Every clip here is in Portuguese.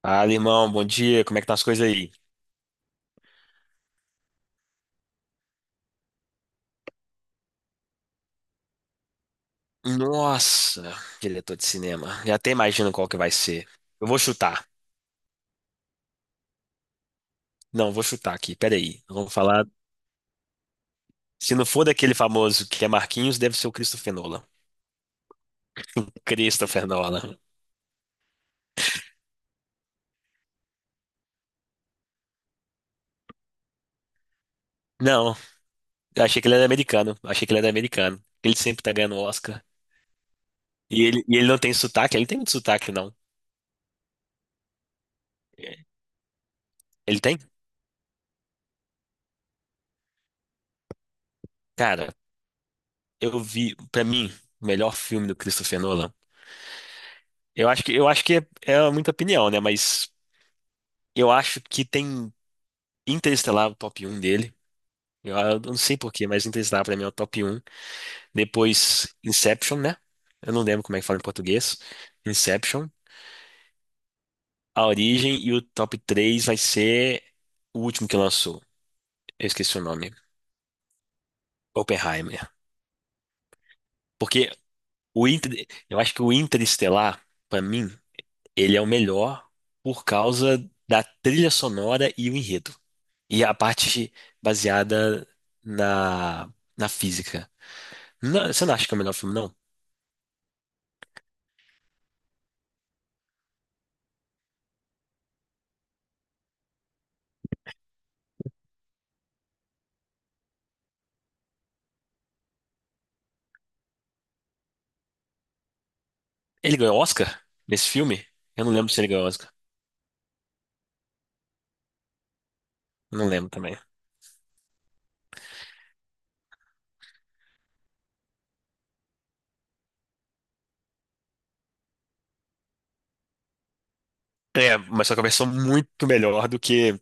Fala, irmão, bom dia. Como é que tá as coisas aí? Nossa, diretor de cinema. Já até imagino qual que vai ser. Eu vou chutar. Não, vou chutar aqui. Peraí. Vamos falar. Se não for daquele famoso que é Marquinhos, deve ser o Christopher Nolan. Christopher Nolan. Não, eu achei que ele era americano. Eu achei que ele era americano. Ele sempre tá ganhando Oscar. E ele não tem sotaque? Ele tem muito sotaque, não. É. Ele tem? Cara, eu vi, pra mim, o melhor filme do Christopher Nolan. Eu acho que é muita opinião, né? Mas eu acho que tem Interestelar, o top um dele. Eu não sei por quê, mas Interestelar pra mim é o top um. Depois Inception, né? Eu não lembro como é que fala em português. Inception, A Origem, e o top 3 vai ser o último que lançou. Eu esqueci o nome. Oppenheimer. Porque eu acho que o Interestelar, pra mim, ele é o melhor por causa da trilha sonora e o enredo. E a parte baseada na, na física. Não, você não acha que é o melhor filme, não? Ele ganhou Oscar nesse filme? Eu não lembro se ele ganhou Oscar. Não lembro também. É, mas só que a versão muito melhor do que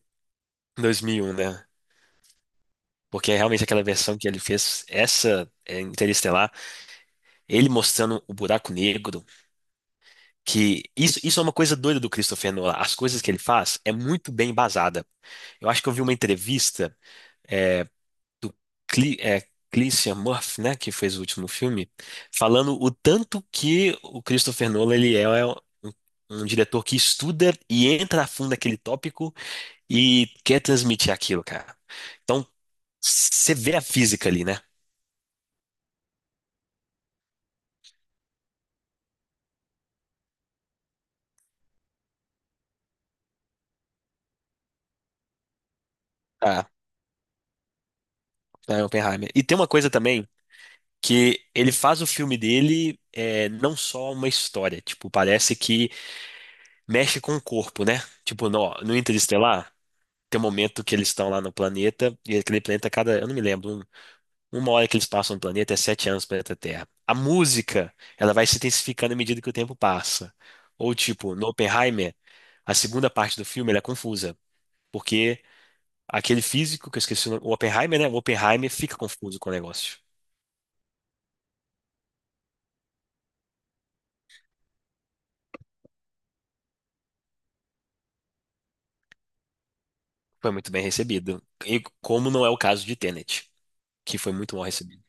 2001, né? Porque é realmente aquela versão que ele fez, essa é, Interestelar, ele mostrando o buraco negro, que isso é uma coisa doida do Christopher Nolan. As coisas que ele faz é muito bem embasada. Eu acho que eu vi uma entrevista é, do Cle, é, Cillian Murphy, né, que fez o último filme, falando o tanto que o Christopher Nolan ele é um diretor que estuda e entra a fundo naquele tópico e quer transmitir aquilo, cara. Então, você vê a física ali, né? Tá, tá, é Oppenheimer. E tem uma coisa também que ele faz o filme dele é, não só uma história, tipo, parece que mexe com o corpo, né? Tipo, no Interestelar, tem um momento que eles estão lá no planeta, e aquele planeta, eu não me lembro, uma hora que eles passam no planeta é 7 anos no planeta Terra. A música, ela vai se intensificando à medida que o tempo passa. Ou, tipo, no Oppenheimer, a segunda parte do filme ela é confusa, porque aquele físico, que eu esqueci o nome, o Oppenheimer, né? O Oppenheimer fica confuso com o negócio. Foi muito bem recebido. E como não é o caso de Tenet, que foi muito mal recebido.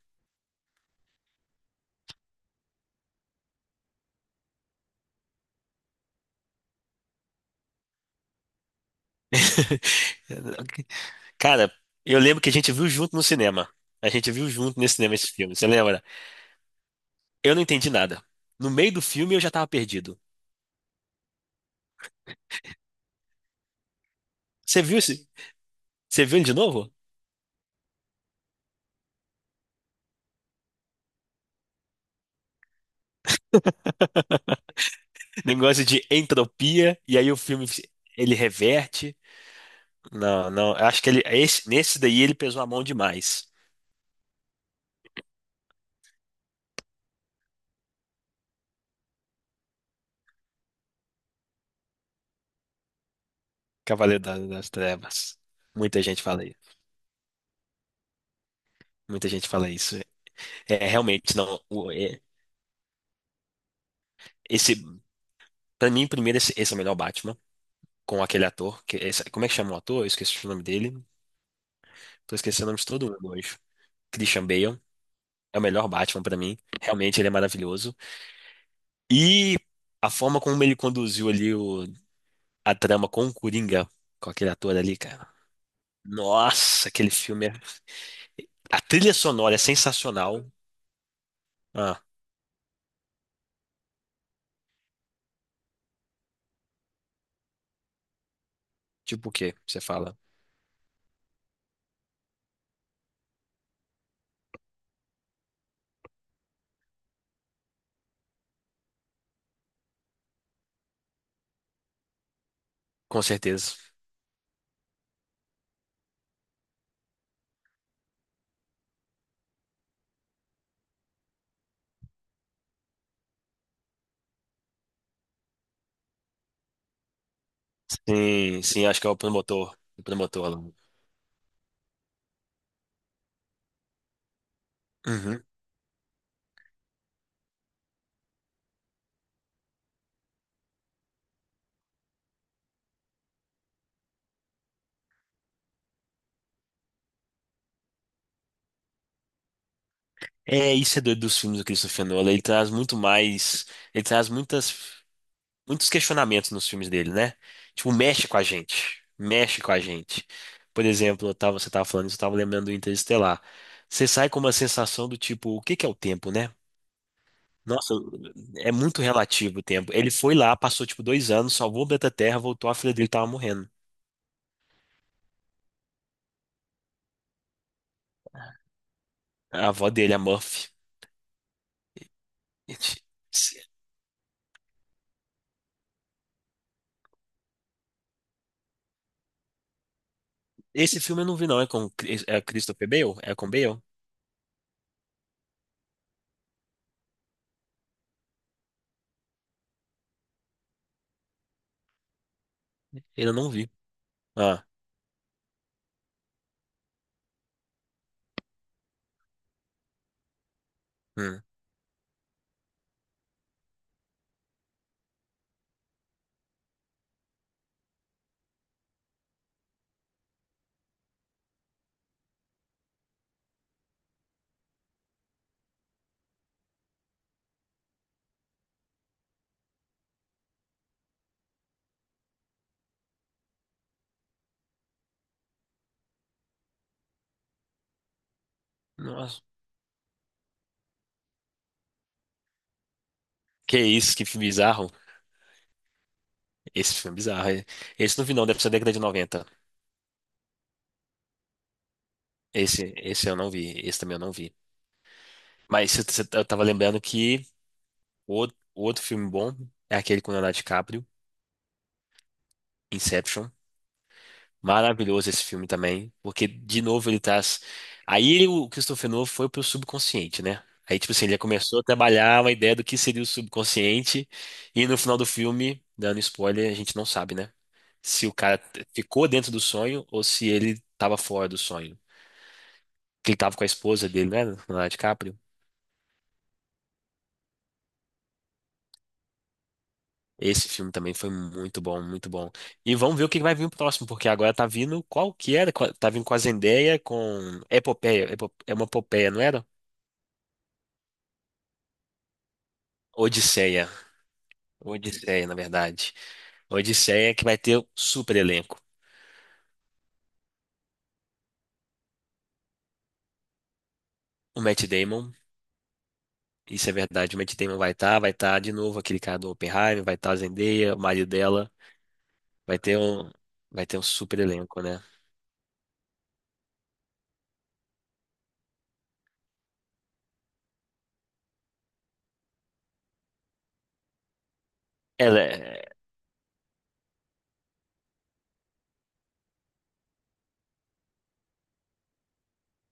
Cara, eu lembro que a gente viu junto no cinema. A gente viu junto nesse cinema esse filme, você lembra? Eu não entendi nada. No meio do filme eu já tava perdido. Você viu esse? Você viu ele de novo? Negócio de entropia, e aí o filme ele reverte. Não, não, eu acho que ele, nesse daí ele pesou a mão demais. Cavaleiro das Trevas. Muita gente fala isso. Muita gente fala isso. É, é, realmente, não. Esse, pra mim, primeiro, esse é o melhor Batman, com aquele ator. Como é que chama o ator? Eu esqueci o nome dele. Tô esquecendo o nome de todo mundo hoje. Christian Bale é o melhor Batman pra mim. Realmente, ele é maravilhoso. E a forma como ele conduziu ali a trama com o Coringa, com aquele ator ali, cara. Nossa, aquele filme é... A trilha sonora é sensacional. Ah, tipo o quê? Você fala. Com certeza. Sim, sim, acho que é o promotor. O promotor lá. Uhum. É, isso é doido dos filmes do Christopher Nolan. Ele traz muito mais. Ele traz muitas. Muitos questionamentos nos filmes dele, né? Tipo, mexe com a gente. Mexe com a gente. Por exemplo, você tava falando isso, eu tava lembrando do Interestelar. Você sai com uma sensação do tipo, o que que é o tempo, né? Nossa, é muito relativo o tempo. Ele foi lá, passou tipo 2 anos, salvou o planeta Terra, voltou, a filha dele tava morrendo. A avó dele, a Murphy. Esse filme eu não vi, não. É com Christopher Bale? É com Bale? Eu não vi. Ah, hum. Nossa. Que isso, que filme bizarro. Esse filme é bizarro. Esse não vi não, deve ser da década de 90. Esse eu não vi, esse também eu não vi. Mas eu tava lembrando que o outro filme bom é aquele com o Leonardo DiCaprio, Inception. Maravilhoso esse filme também, porque de novo ele traz... Aí o Christopher Nolan foi pro subconsciente, né? Aí, tipo assim, ele começou a trabalhar uma ideia do que seria o subconsciente, e no final do filme, dando spoiler, a gente não sabe, né? Se o cara ficou dentro do sonho ou se ele tava fora do sonho. Que ele tava com a esposa dele, né? Leonardo DiCaprio. Esse filme também foi muito bom, muito bom. E vamos ver o que vai vir o próximo, porque agora tá vindo qual que era? Tá vindo com a Zendaya, com Epopeia, é uma epopeia, não era? Odisseia. Odisseia, na verdade. Odisseia que vai ter o super elenco. O Matt Damon, isso é verdade, o Matt Damon vai estar de novo aquele cara do Oppenheimer, vai estar a Zendaya, o marido dela, vai ter um, vai ter um super elenco, né? Ela é,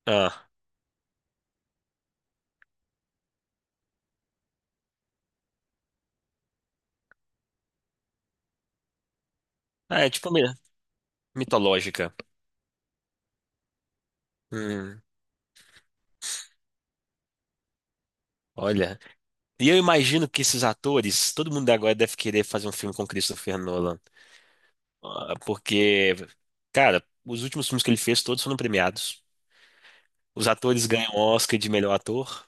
ah, ah, é tipo mitológica. Hum. Olha, e eu imagino que esses atores, todo mundo agora deve querer fazer um filme com Christopher Nolan. Ah, porque, cara, os últimos filmes que ele fez todos foram premiados. Os atores ganham Oscar de melhor ator,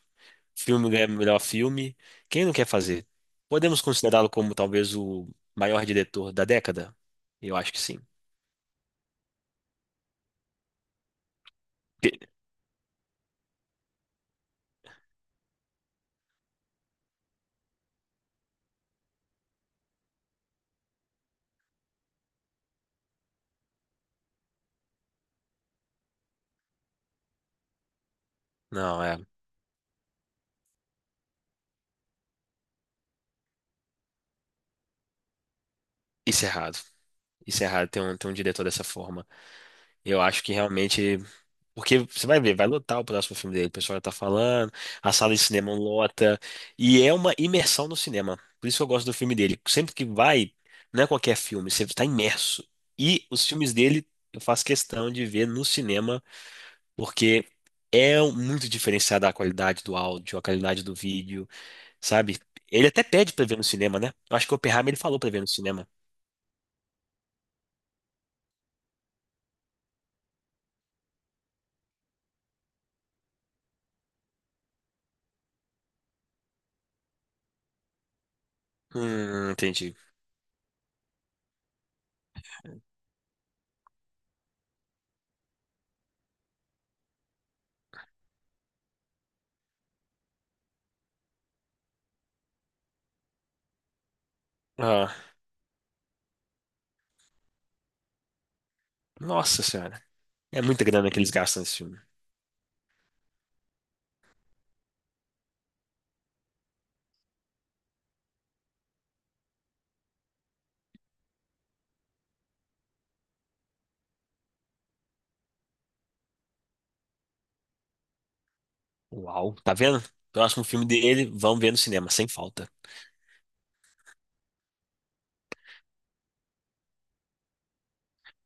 filme ganha melhor filme. Quem não quer fazer? Podemos considerá-lo como talvez o maior diretor da década? Eu acho que sim. Pe- Não, é, isso é errado. Isso é errado ter um diretor dessa forma. Eu acho que realmente. Porque você vai ver, vai lotar o próximo filme dele, o pessoal já tá falando, a sala de cinema lota, e é uma imersão no cinema. Por isso que eu gosto do filme dele. Sempre que vai, não é qualquer filme, você está imerso. E os filmes dele eu faço questão de ver no cinema, porque é muito diferenciada a qualidade do áudio, a qualidade do vídeo, sabe? Ele até pede pra ver no cinema, né? Eu acho que o Oppenheimer ele falou pra ver no cinema. Entendi. Ah, nossa senhora. É muita grana que eles gastam nesse filme. Uau, tá vendo? Próximo filme dele, vamos ver no cinema, sem falta.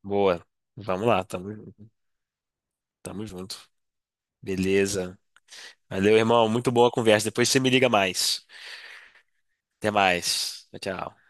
Boa. Vamos lá, tamo junto. Beleza. Valeu, irmão. Muito boa a conversa. Depois você me liga mais. Até mais. Tchau, tchau.